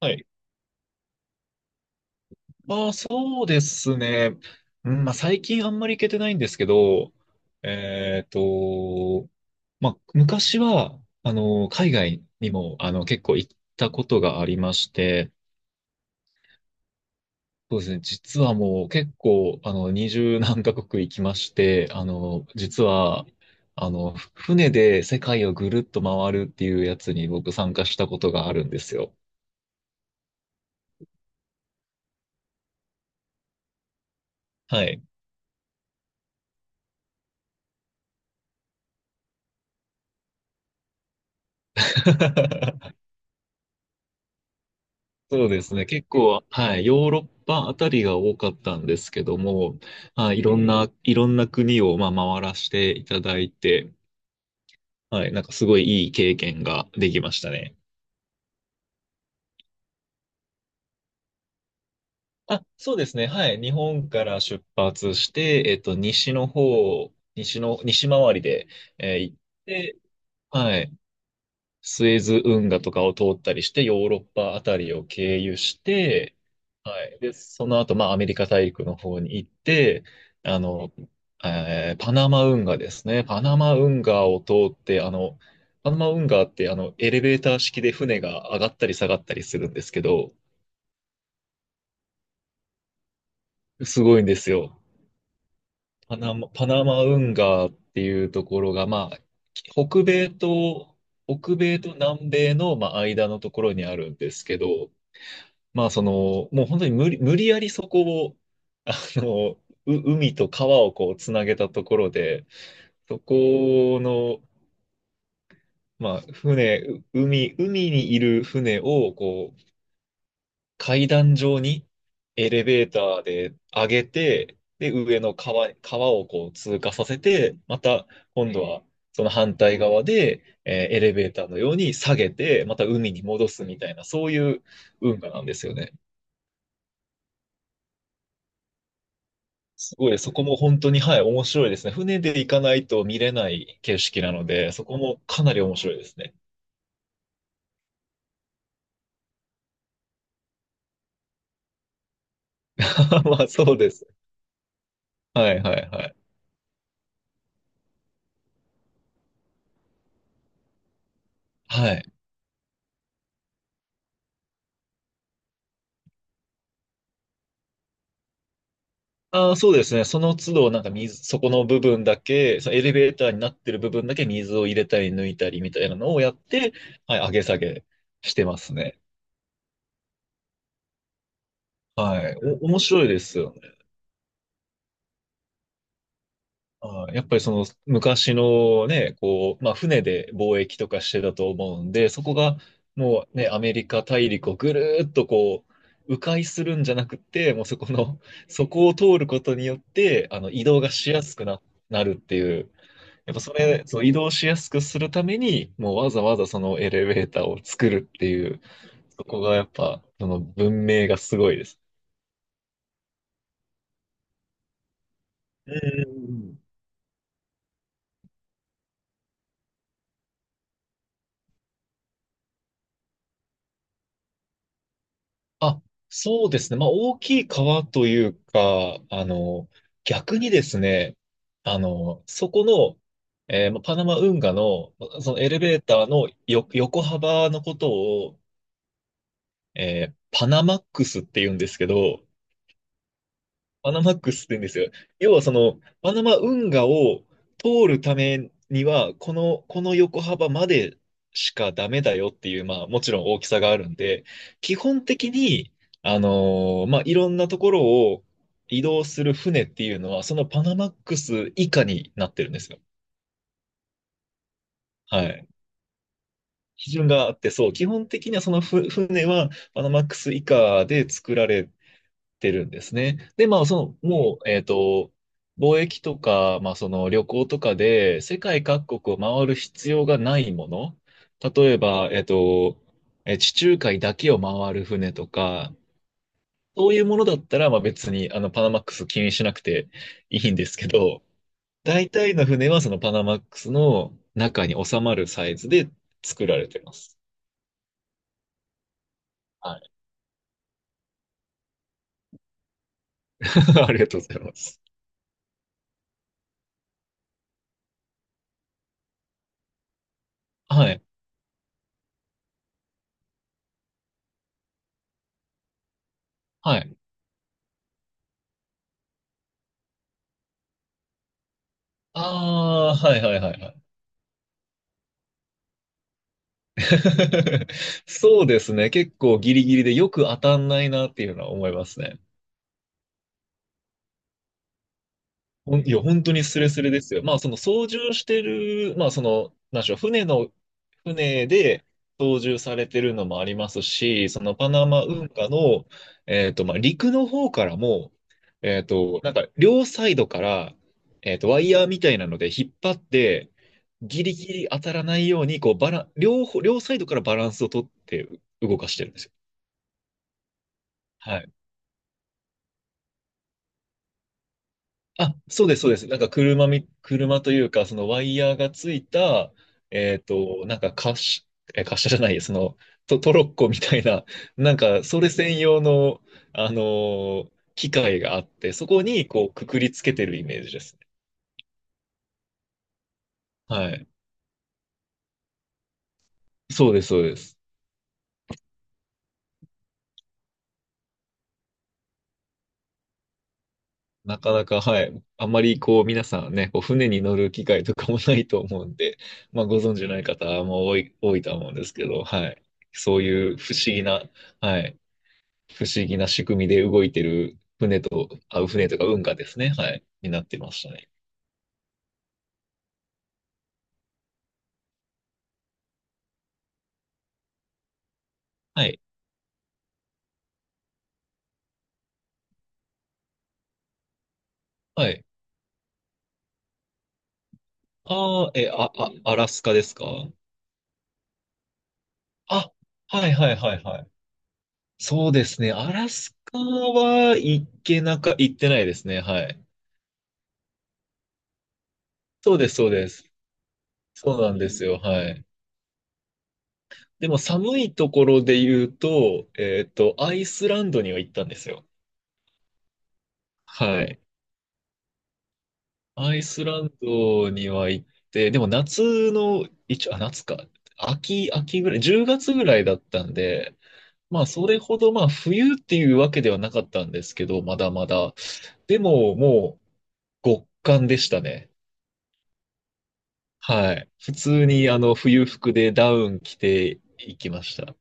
はい。ああ、そうですね。うん、まあ、最近あんまり行けてないんですけど、えっと、まあ、昔は、海外にも、結構行ったことがありまして、そうですね。実はもう結構、二十何カ国行きまして、実は、船で世界をぐるっと回るっていうやつに僕参加したことがあるんですよ。はい。そうですね。結構、はい、ヨーロッパあたりが多かったんですけども、はい、いろんな国を、まあ、回らせていただいて、はい、なんかすごいいい経験ができましたね。あ、そうですね。はい、日本から出発して、西の方、西回りで、行って、はい、スエズ運河とかを通ったりして、ヨーロッパあたりを経由して、はい。で、その後、まあ、アメリカ大陸の方に行って、あの、パナマ運河ですね。パナマ運河を通って、パナマ運河って、エレベーター式で船が上がったり下がったりするんですけど、すごいんですよ。パナマ運河っていうところが、まあ、北米と、北米と南米の、まあ、間のところにあるんですけど、まあ、その、もう本当に無理やりそこを、あの、海と川をこう、つなげたところで、そこの、まあ、船、う海、海にいる船を、こう、階段状にエレベーターで上げて、で、上の川、川をこう通過させて、また、今度は、その反対側で、エレベーターのように下げて、また海に戻すみたいな、そういう運河なんですよね。すごい、そこも本当に、はい、面白いですね。船で行かないと見れない景色なので、そこもかなり面白いですね。まあ、そうです。はい、はい、はい。はい。ああ、そうですね。その都度、なんかそこの部分だけ、そのエレベーターになってる部分だけ水を入れたり抜いたりみたいなのをやって、はい、上げ下げしてますね。はい。面白いですよね。やっぱりその昔のね、こう、まあ船で貿易とかしてたと思うんで、そこがもうね、アメリカ大陸をぐるーっとこう、迂回するんじゃなくて、もうそこの、そこを通ることによって、あの移動がしやすくな、なるっていう、やっぱその移動しやすくするために、もうわざわざそのエレベーターを作るっていう、そこがやっぱ、その文明がすごいです。うんうんうん。あ、そうですね。まあ、大きい川というか、逆にですね、あの、そこの、えーまあパナマ運河の、そのエレベーターの横幅のことを、パナマックスって言うんですけど、パナマックスって言うんですよ。要はその、パナマ運河を通るためには、この横幅までしかダメだよっていう、まあ、もちろん大きさがあるんで、基本的に、まあ、いろんなところを移動する船っていうのは、そのパナマックス以下になってるんですよ。はい。基準があって、そう、基本的にはその船はパナマックス以下で作られてるんですね。で、まあ、その、もう、貿易とか、まあ、その旅行とかで世界各国を回る必要がないもの。例えば、地中海だけを回る船とか、そういうものだったら、まあ別に、パナマックス気にしなくていいんですけど、大体の船はそのパナマックスの中に収まるサイズで作られてます。はい。ありがとうございます。はい。はい。ああ、はいはいはいはい。そうですね。結構ギリギリでよく当たんないなっていうのは思いますね。いや、本当にスレスレですよ。まあ、その操縦してる、まあ、その、なんでしょう、船で操縦されてるのもありますし、そのパナマ運河の、まあ、陸の方からも、なんか、両サイドから、ワイヤーみたいなので引っ張って、ギリギリ当たらないように、こう、バラン、両方、両サイドからバランスをとって動かしてるんですよ。はい。あ、そうです、そうです。なんか車というか、そのワイヤーがついた、なんか滑車、滑車じゃない、その、トロッコみたいな、なんか、それ専用の、あの機械があって、そこに、こう、くくりつけてるイメージですね。はい。そうです、そうです。なかなか、はい。あんまり、こう、皆さんね、こう船に乗る機会とかもないと思うんで、まあ、ご存知ない方も多いとは思うんですけど、はい。そういう不思議な、はい。不思議な仕組みで動いてる船とか運河ですね。はい。になってましたね。はい。はい。あーえ、あ、あ、アラスカですかあ、はいはいはいはい。そうですね。アラスカは行ってないですね。はい。そうです、そうです。そうなんですよ。はい。でも寒いところで言うと、アイスランドには行ったんですよ。はい。アイスランドには行って、でも夏の、一応、あ、夏か。秋ぐらい、10月ぐらいだったんで、まあ、それほど、まあ、冬っていうわけではなかったんですけど、まだまだ。でも、もう、極寒でしたね。はい。普通に、冬服でダウン着ていきました。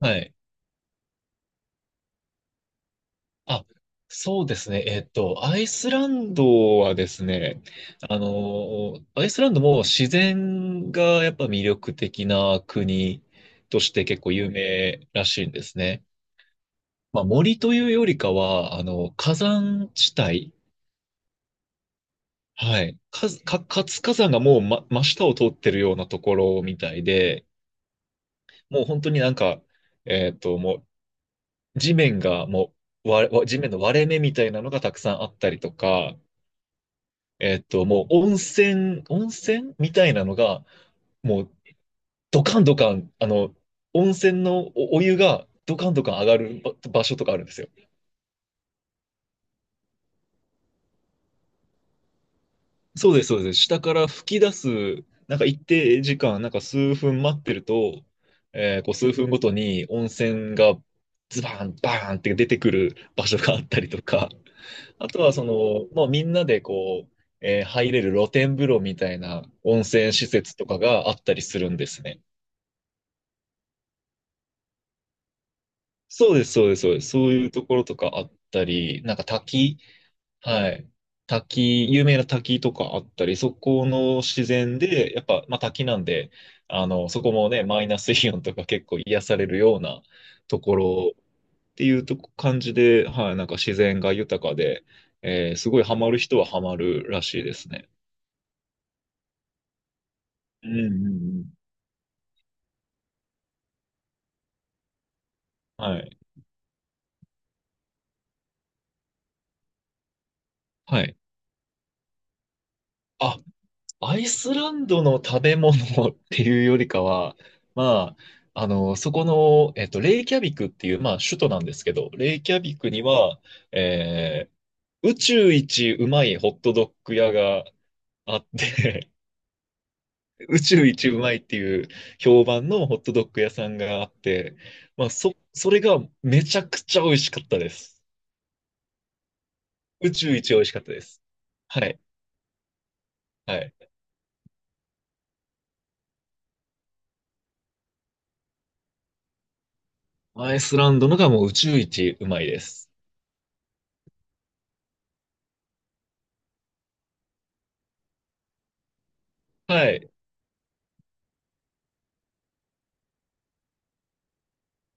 はい。あ、そうですね。アイスランドはですね、アイスランドも自然がやっぱ魅力的な国として結構有名らしいんですね。まあ、森というよりかは、火山地帯。はい。活火山がもう、真下を通ってるようなところみたいで、もう本当になんか、もう地面がもう、わ、わ地面の割れ目みたいなのがたくさんあったりとか、もう温泉みたいなのが、もうドカンドカン、温泉のお湯がドカンドカン上がる場所とかあるんですよ。そうです、そうです。下から吹き出す、なんか一定時間、なんか数分待ってると、こう数分ごとに温泉がズバーン、バーンって出てくる場所があったりとか、あとはその、もうみんなでこう、入れる露天風呂みたいな温泉施設とかがあったりするんですね。そうです、そうです、そうです。そういうところとかあったり、なんか滝、はい。滝、有名な滝とかあったり、そこの自然で、やっぱ、まあ滝なんで、そこもね、マイナスイオンとか結構癒されるようなところっていうとこ感じで、はい、なんか自然が豊かで、すごいハマる人はハマるらしいですね。うんうんうん。はい。はい。あ、アイスランドの食べ物 っていうよりかは、まあ、あの、そこの、えっと、レイキャビクっていう、まあ、首都なんですけど、レイキャビクには、えー宇宙一うまいホットドッグ屋があって 宇宙一うまいっていう評判のホットドッグ屋さんがあって、まあ、それがめちゃくちゃ美味しかったです。宇宙一美味しかったです。はい、はい。アイスランドのがもう宇宙一うまいです。はい、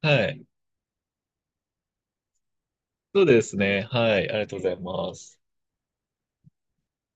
はい。そうですね。はい。ありがとうございます。